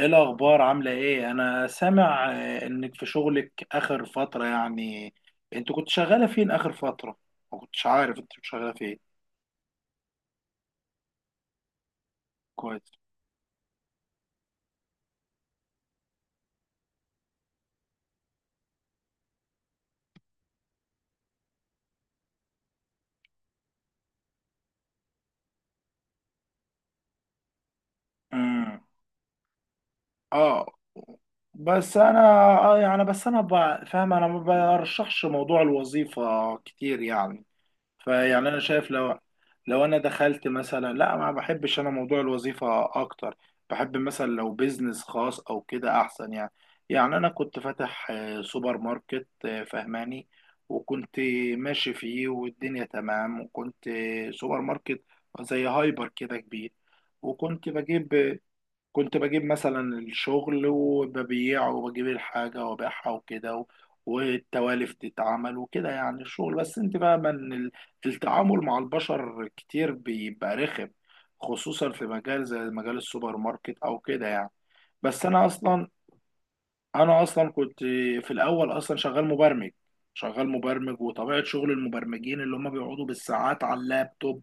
ايه الاخبار؟ عامله ايه؟ انا سامع انك في شغلك اخر فتره يعني. انت كنت شغاله فين اخر فتره؟ ما كنتش عارف انت كنت شغاله فين. كويس. امم اه. بس انا، بس انا فاهم، انا ما برشحش موضوع الوظيفه كتير يعني. فيعني انا شايف لو انا دخلت مثلا لا، ما بحبش انا موضوع الوظيفه اكتر. بحب مثلا لو بيزنس خاص او كده احسن يعني. يعني انا كنت فاتح سوبر ماركت، فهماني. وكنت ماشي فيه والدنيا تمام، وكنت سوبر ماركت زي هايبر كده كبير. وكنت بجيب كنت بجيب مثلا الشغل وببيعه، وبجيب الحاجة وببيعها وكده والتوالف تتعمل وكده، يعني الشغل، بس انت فاهمة ان التعامل مع البشر كتير بيبقى رخم، خصوصا في مجال زي مجال السوبر ماركت او كده يعني. بس انا اصلا انا اصلا كنت، في الاول اصلا شغال مبرمج وطبيعه شغل المبرمجين اللي هم بيقعدوا بالساعات على اللابتوب،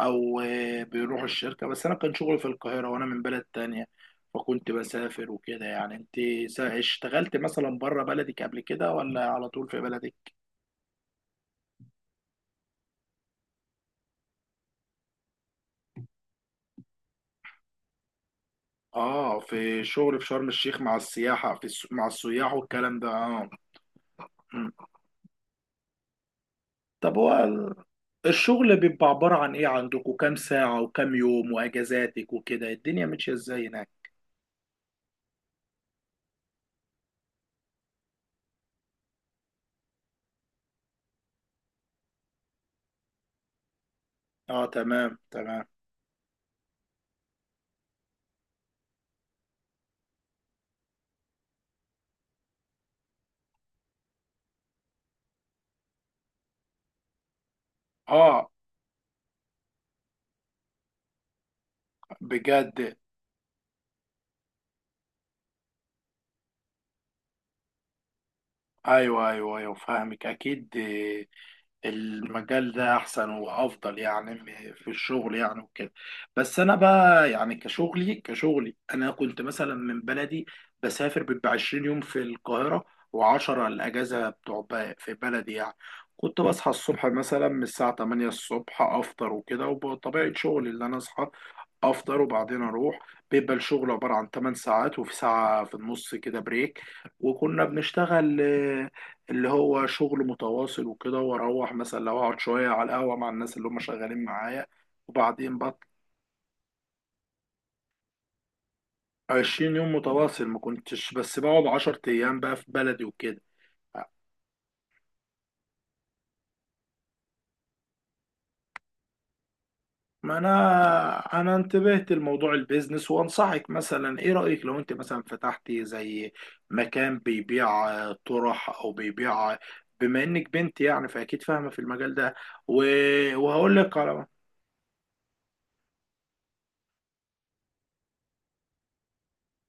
او بيروحوا الشركه. بس انا كان شغلي في القاهره وانا من بلد تانية، فكنت بسافر وكده. يعني انت، اشتغلت مثلا بره بلدك قبل كده ولا على طول في بلدك؟ اه، في شغل في شرم الشيخ مع السياحه في مع السياح والكلام ده. اه. طب، هو الشغل بيبقى عبارة عن ايه؟ عندكم كام ساعة وكام يوم، واجازاتك وكده الدنيا ماشية ازاي هناك؟ اه، تمام تمام. اه، بجد. ايوه ايوه ايوه، فاهمك اكيد. المجال ده احسن وافضل يعني، في الشغل يعني وكده. بس انا بقى يعني، كشغلي انا كنت مثلا من بلدي بسافر، بيبقى 20 يوم في القاهره و10 الاجازه بتوع في بلدي يعني. كنت بصحى الصبح مثلا من الساعه 8 الصبح، افطر وكده، وبطبيعه شغلي اللي انا اصحى افطر وبعدين اروح. بيبقى الشغل عباره عن 8 ساعات، وفي ساعه في النص كده بريك، وكنا بنشتغل، اللي هو شغل متواصل وكده، واروح مثلا لو اقعد شويه على القهوه مع الناس اللي هم شغالين معايا، وبعدين بطل. 20 يوم متواصل ما كنتش، بس بقعد 10 ايام بقى في بلدي وكده. ما انا، انتبهت لموضوع البيزنس، وانصحك مثلا، ايه رأيك لو انت مثلا فتحتي زي مكان بيبيع طرح او بيبيع، بما انك بنت يعني، فاكيد فاهمة في المجال ده. وهقول لك على.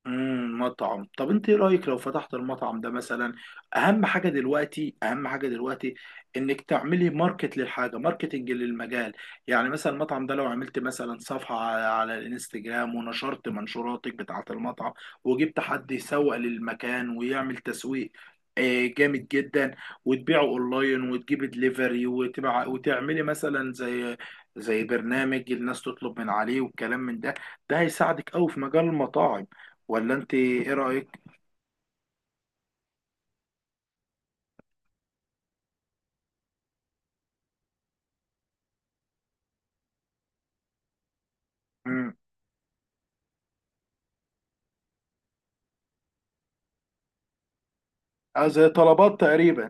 امم، مطعم. طب انت ايه رايك لو فتحت المطعم ده مثلا؟ اهم حاجه دلوقتي انك تعملي ماركت للحاجه، ماركتنج للمجال. يعني مثلا المطعم ده لو عملت مثلا صفحه على الانستجرام، ونشرت منشوراتك بتاعه المطعم، وجبت حد يسوق للمكان ويعمل تسويق، جامد جدا. وتبيعه اونلاين، وتجيبي دليفري وتبع، وتعملي مثلا زي، برنامج الناس تطلب من عليه والكلام من ده. ده هيساعدك قوي في مجال المطاعم. ولا انت ايه رأيك؟ امم. آه، زي طلبات تقريبا.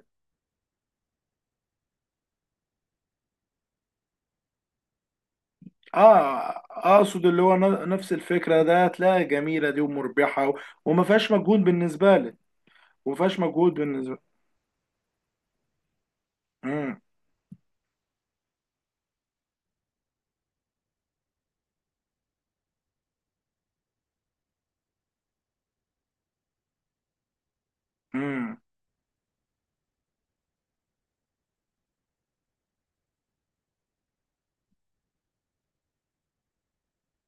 اه، اقصد اللي هو نفس الفكرة ده، هتلاقيها جميلة دي، ومربحة، وما فيهاش مجهود بالنسبة لك. وما فيهاش مجهود بالنسبة. امم. امم.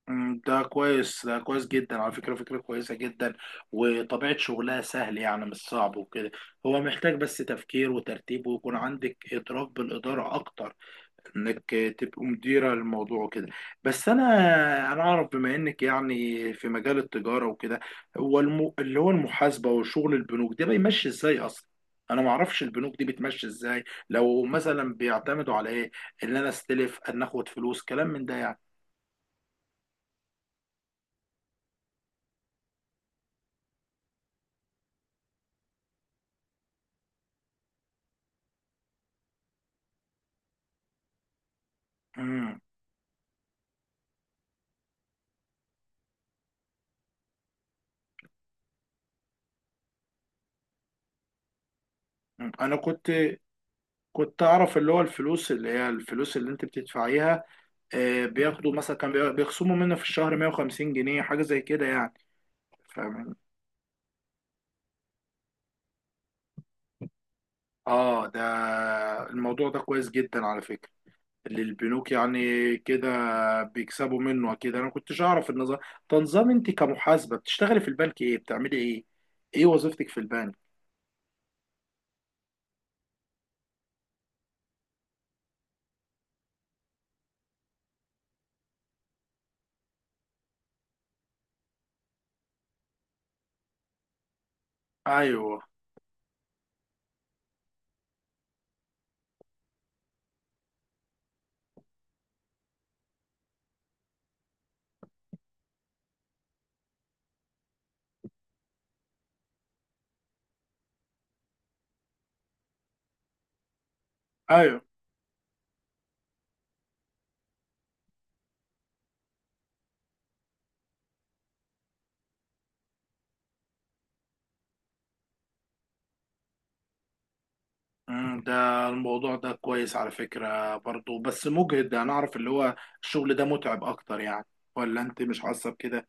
ده كويس، ده كويس جدا على فكرة، فكرة كويسة جدا. وطبيعة شغلها سهل يعني، مش صعب وكده. هو محتاج بس تفكير وترتيب، ويكون عندك إدراك بالإدارة أكتر، انك تبقوا مديرة للموضوع وكده. بس انا، انا اعرف بما انك يعني في مجال التجارة وكده، هو اللي هو المحاسبة وشغل البنوك ده بيمشي ازاي اصلا؟ انا ما اعرفش البنوك دي بتمشي ازاي. لو مثلا بيعتمدوا على ايه، ان انا استلف، ان اخد فلوس، كلام من ده يعني. امم. انا كنت كنت اعرف اللي هو الفلوس، اللي هي الفلوس اللي انت بتدفعيها، بياخدوا مثلا، كان بيخصموا منها في الشهر 150 جنيه، حاجة زي كده يعني. فاهم. اه ده، الموضوع ده كويس جدا على فكرة، اللي البنوك يعني كده بيكسبوا منه اكيد. انا كنتش اعرف النظام. تنظام، انت كمحاسبة بتشتغلي في البنك، ايه بتعملي؟ ايه ايه وظيفتك في البنك؟ ايوه. ايوه. ده الموضوع ده كويس على فكرة برضو، بس مجهد، انا اعرف اللي هو، الشغل ده متعب اكتر يعني، ولا انت مش حاسة بكده؟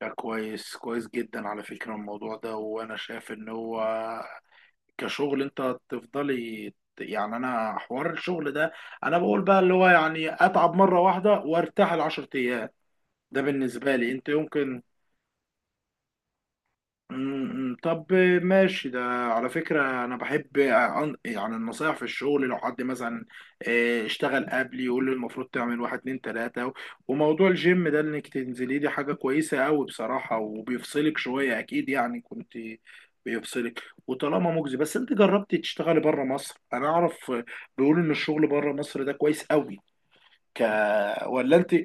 ده كويس، كويس جدا على فكرة الموضوع ده. وانا شايف ان هو كشغل، انت تفضلي يعني، انا حوار الشغل ده، انا بقول بقى اللي هو يعني اتعب مره واحده وارتاح العشر ايام. ده بالنسبه لي، انت يمكن. طب ماشي، ده على فكرة أنا بحب يعني النصايح في الشغل، لو حد مثلا اشتغل قبلي يقول لي المفروض تعمل 1 2 3 وموضوع الجيم ده، إنك تنزلي دي حاجة كويسة أوي بصراحة، وبيفصلك شوية أكيد يعني، كنت بيفصلك. وطالما مجزي، بس أنت جربتي تشتغلي بره مصر؟ أنا أعرف بيقولوا إن الشغل بره مصر ده كويس أوي. ك ولا أنت؟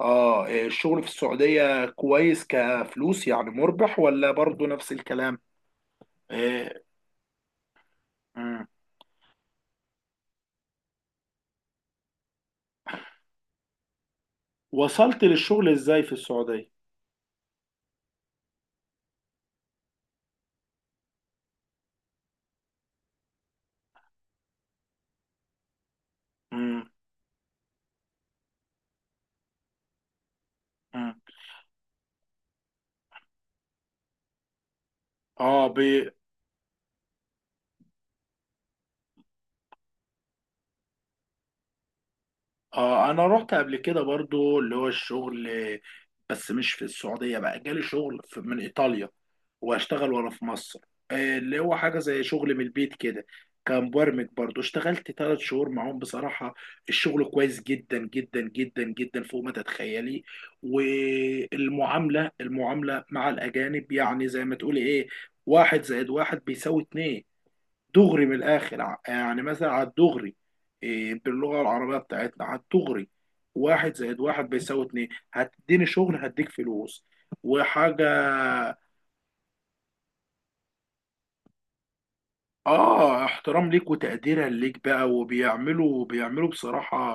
اه إيه، الشغل في السعودية كويس كفلوس يعني، مربح ولا برضو نفس الكلام؟ إيه، مم. وصلت للشغل ازاي في السعودية؟ مم. مم. اه اه انا رحت قبل كده برضو، اللي هو الشغل بس مش في السعودية بقى، جالي شغل من ايطاليا، واشتغل وانا في مصر. اللي هو حاجة زي شغل من البيت كده، كمبرمج برضو، اشتغلت 3 شهور معاهم بصراحة. الشغل كويس جدا جدا جدا جدا، فوق ما تتخيلي. المعاملة مع الأجانب يعني، زي ما تقولي ايه، 1+1=2، دغري من الاخر، يعني مثلا على الدغري. إيه، باللغه العربيه بتاعتنا على الدغري، 1+1=2، هتديني شغل هديك فلوس وحاجه. اه، احترام ليك وتقديرا ليك بقى، بيعملوا بصراحة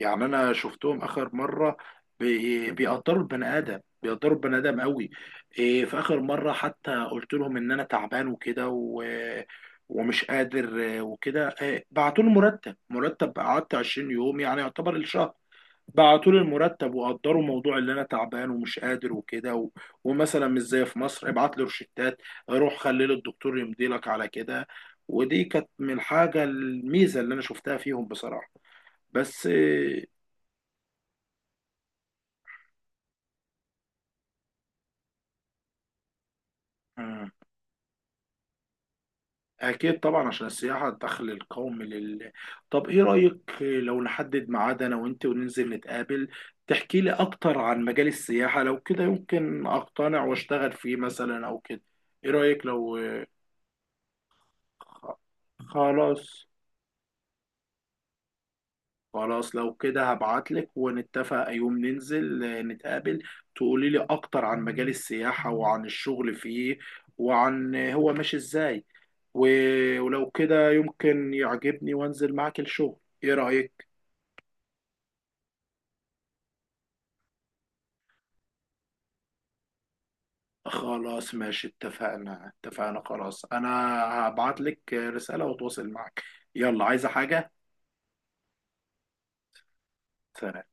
يعني، انا شفتهم اخر مرة، بيقدروا البني ادم قوي. إيه، في اخر مرة حتى قلت لهم ان انا تعبان وكده و...، ومش قادر، وكده، إيه بعتوا لي مرتب. قعدت 20 يوم يعني يعتبر الشهر، بعتوا لي المرتب، وقدروا موضوع اللي انا تعبان ومش قادر وكده و...، ومثلا مش زي في مصر، ابعت لي روشتات، روح خلي لي الدكتور يمضي لك على كده. ودي كانت من الحاجه، الميزه اللي انا شفتها فيهم بصراحه. بس آه، اكيد طبعا عشان السياحه الدخل القومي طب، ايه رايك لو نحدد ميعاد انا وانت وننزل نتقابل، تحكي لي اكتر عن مجال السياحه، لو كده يمكن اقتنع واشتغل فيه مثلا او كده. ايه رايك لو، خ- خلاص. خلاص، لو كده هبعتلك ونتفق يوم ننزل نتقابل، تقولي لي اكتر عن مجال السياحة وعن الشغل فيه، وعن هو ماشي ازاي. ولو كده يمكن يعجبني وانزل معاك الشغل. ايه رأيك؟ خلاص ماشي، اتفقنا اتفقنا خلاص. انا هبعتلك رسالة واتواصل معاك. يلا، عايزة حاجة؟ سلام.